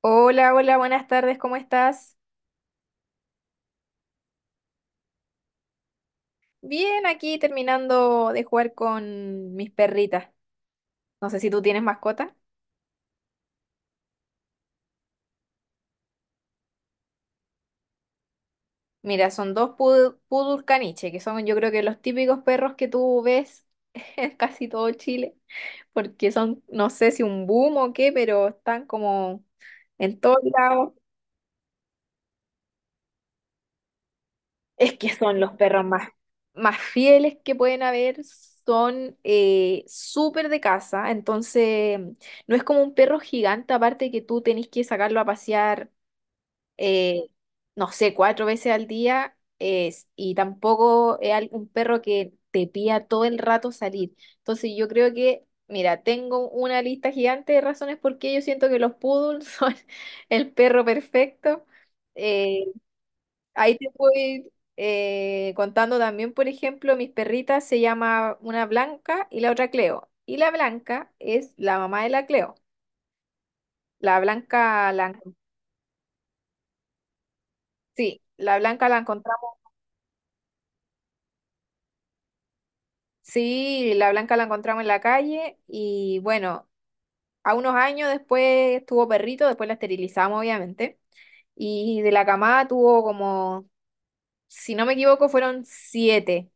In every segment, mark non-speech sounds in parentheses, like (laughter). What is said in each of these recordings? Hola, hola, buenas tardes, ¿cómo estás? Bien, aquí terminando de jugar con mis perritas. No sé si tú tienes mascota. Mira, son dos poodle caniche, que son, yo creo que, los típicos perros que tú ves (laughs) en casi todo Chile, porque son, no sé si un boom o qué, pero están como en todos lados. Es que son los perros más, más fieles que pueden haber, son súper de casa, entonces no es como un perro gigante, aparte que tú tenés que sacarlo a pasear, eh, no sé, cuatro veces al día, es, y tampoco es un perro que te pida todo el rato salir. Entonces yo creo que, mira, tengo una lista gigante de razones por qué yo siento que los poodles (laughs) son el perro perfecto. eh, Ahí te voy contando también, por ejemplo, mis perritas se llama una Blanca y la otra Cleo. Y la Blanca es la mamá de la Cleo. La Blanca la, encon- Sí, la Blanca la Blanca la encontramos en la calle y bueno, a unos años después tuvo perrito, después la esterilizamos obviamente. Y de la camada tuvo como, si no me equivoco, fueron siete,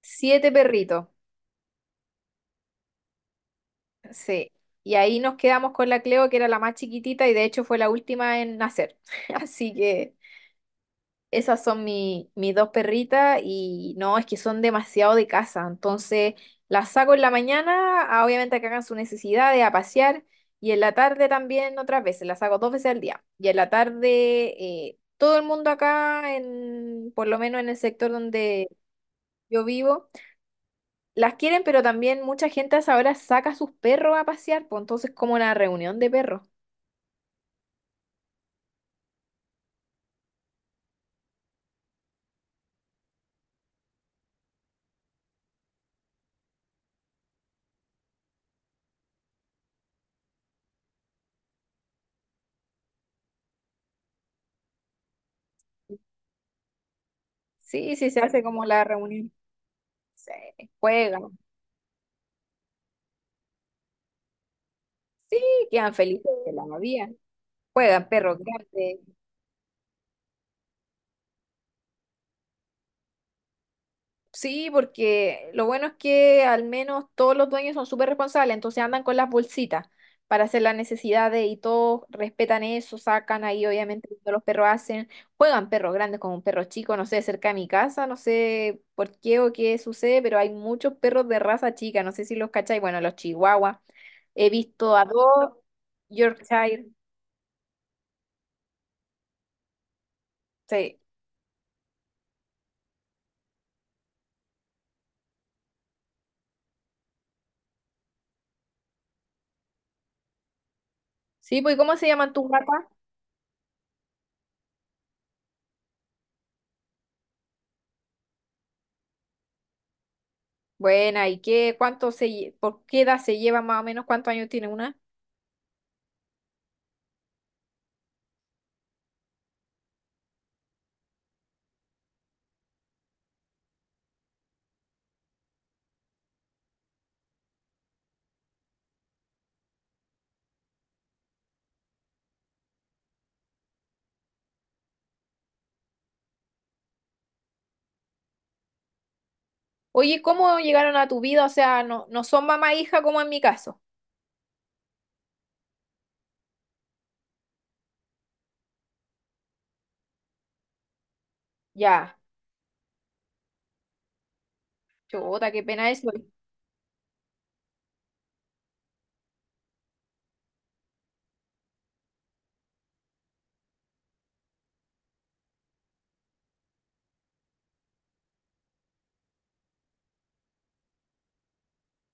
siete perritos. Sí, y ahí nos quedamos con la Cleo, que era la más chiquitita y de hecho fue la última en nacer. (laughs) Así que esas son mis dos perritas y no, es que son demasiado de casa. Entonces las saco en la mañana, obviamente a que hagan sus necesidades, a pasear, y en la tarde también otras veces, las saco dos veces al día. Y en la tarde todo el mundo acá, en, por lo menos en el sector donde yo vivo, las quieren, pero también mucha gente a esa hora saca a sus perros a pasear, pues entonces como una reunión de perros. Sí, sí, se hace como la reunión. Se juegan, sí, quedan felices de la vida. Juegan perros grandes. Sí, porque lo bueno es que al menos todos los dueños son súper responsables, entonces andan con las bolsitas para hacer las necesidades y todos respetan eso, sacan ahí obviamente lo que los perros hacen, juegan perros grandes con un perro chico, no sé, cerca de mi casa, no sé por qué o qué sucede, pero hay muchos perros de raza chica, no sé si los cacháis, bueno, los chihuahuas, he visto a dos, Yorkshire, sí. Sí, pues, ¿cómo se llaman tus gatas? Buena, ¿y qué, cuánto se, por qué edad se lleva más o menos, cuántos años tiene una? Oye, ¿cómo llegaron a tu vida? O sea, no, no son mamá e hija como en mi caso. Ya, chuta, qué pena eso.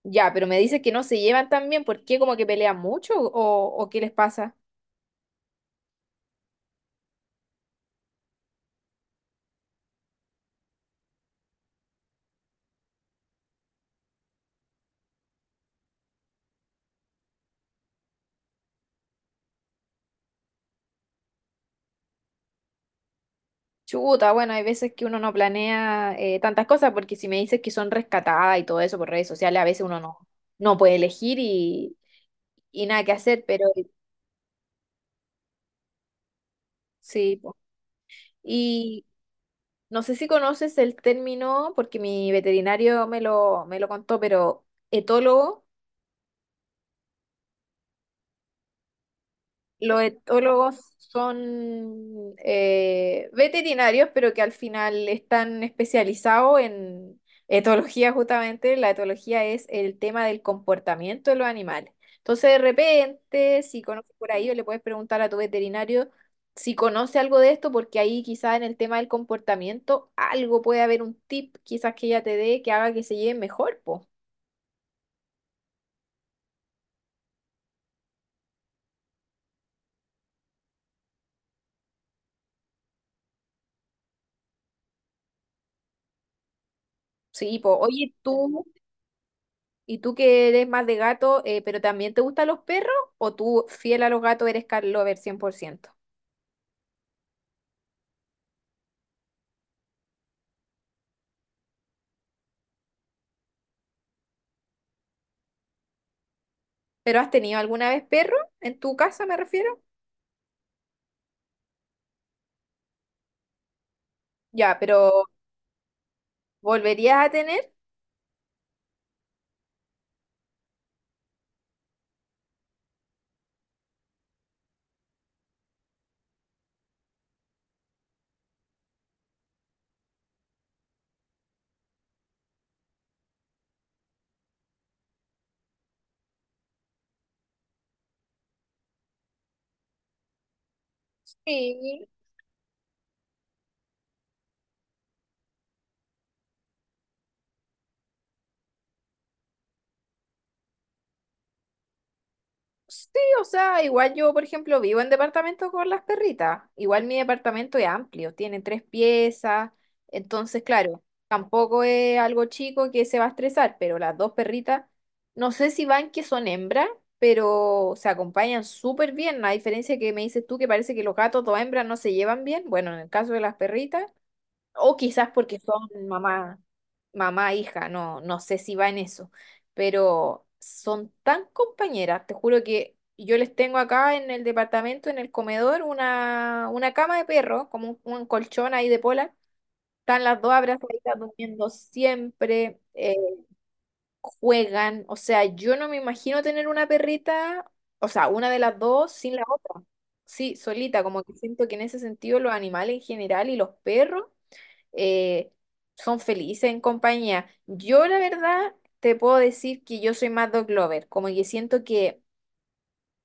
Ya, pero me dices que no se llevan tan bien, ¿por qué? ¿Como que pelean mucho o qué les pasa? Chuta, bueno, hay veces que uno no planea tantas cosas, porque si me dices que son rescatadas y todo eso por redes sociales, a veces uno no, no puede elegir y nada que hacer, pero sí. Po. Y no sé si conoces el término, porque mi veterinario me lo contó, pero etólogo. Los etólogos son veterinarios, pero que al final están especializados en etología justamente. La etología es el tema del comportamiento de los animales. Entonces, de repente, si conoces por ahí, o le puedes preguntar a tu veterinario si conoce algo de esto, porque ahí quizás en el tema del comportamiento algo puede haber un tip, quizás que ella te dé que haga que se lleven mejor, po. Sí, po. Oye, tú... ¿Y tú que eres más de gato, pero también te gustan los perros? ¿O tú, fiel a los gatos, eres cat lover 100%? ¿Pero has tenido alguna vez perro? ¿En tu casa me refiero? Ya, pero ¿volverías a tener? Sí. Sí, o sea, igual yo, por ejemplo, vivo en departamento con las perritas. Igual mi departamento es amplio, tiene tres piezas. Entonces, claro, tampoco es algo chico que se va a estresar, pero las dos perritas, no sé si van que son hembras, pero se acompañan súper bien. A diferencia que me dices tú que parece que los gatos, dos hembras, no se llevan bien. Bueno, en el caso de las perritas. O quizás porque son mamá, hija, no, no sé si va en eso. Pero son tan compañeras, te juro que yo les tengo acá en el departamento, en el comedor, una cama de perro, como un colchón ahí de pola. Están las dos abrazaditas durmiendo siempre, juegan. O sea, yo no me imagino tener una perrita, o sea, una de las dos sin la otra. Sí, solita, como que siento que en ese sentido los animales en general y los perros eh, son felices en compañía. Yo, la verdad, te puedo decir que yo soy más dog lover, como que siento que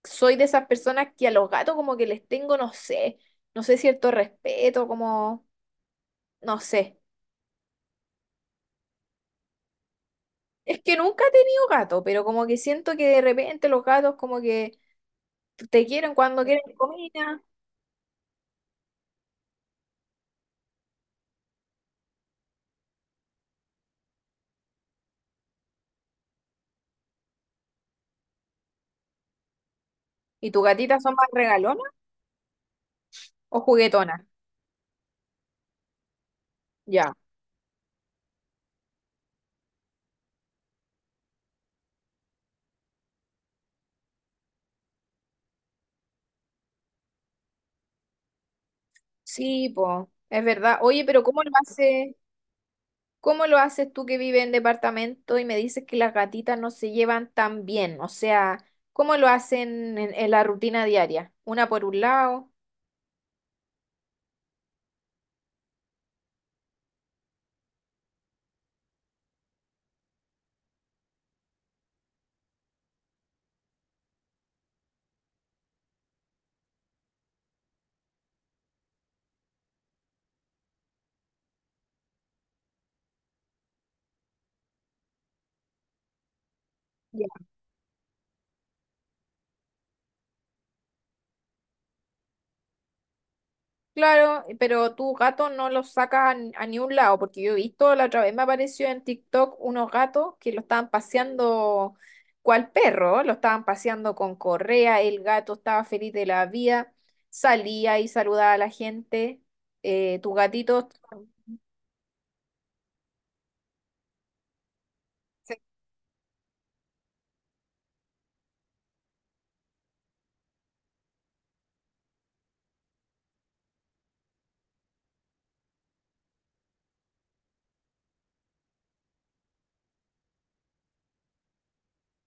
soy de esas personas que a los gatos como que les tengo, no sé, no sé, cierto respeto, como, no sé. Es que nunca he tenido gato, pero como que siento que de repente los gatos como que te quieren cuando quieren comida. ¿Y tus gatitas son más regalonas o juguetonas? Ya. Sí, po, es verdad. Oye, pero ¿cómo lo hace? ¿Cómo lo haces tú que vives en departamento y me dices que las gatitas no se llevan tan bien? O sea, ¿cómo lo hacen en la rutina diaria? Una por un lado. Ya. Claro, pero tu gato no los saca a ni un lado, porque yo he visto, la otra vez me apareció en TikTok unos gatos que lo estaban paseando cual perro, lo estaban paseando con correa, el gato estaba feliz de la vida, salía y saludaba a la gente. Tus gatitos...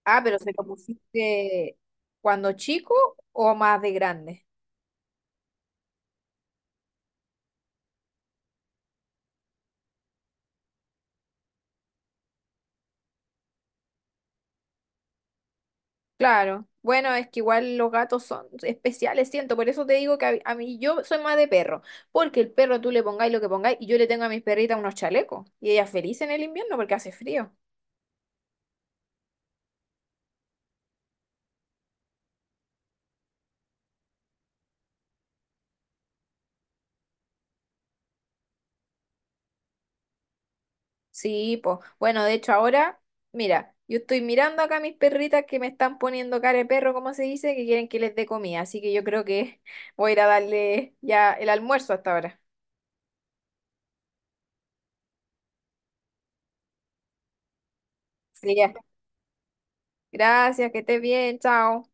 Ah, pero ¿se lo pusiste cuando chico o más de grande? Claro. Bueno, es que igual los gatos son especiales, siento. Por eso te digo que a mí yo soy más de perro. Porque el perro tú le pongáis lo que pongáis y yo le tengo a mis perritas unos chalecos. Y ella feliz en el invierno porque hace frío. Sí, pues. Bueno, de hecho ahora, mira, yo estoy mirando acá a mis perritas que me están poniendo cara de perro, como se dice, que quieren que les dé comida. Así que yo creo que (laughs) voy a ir a darle ya el almuerzo hasta ahora. Sí, gracias, que estés bien, chao.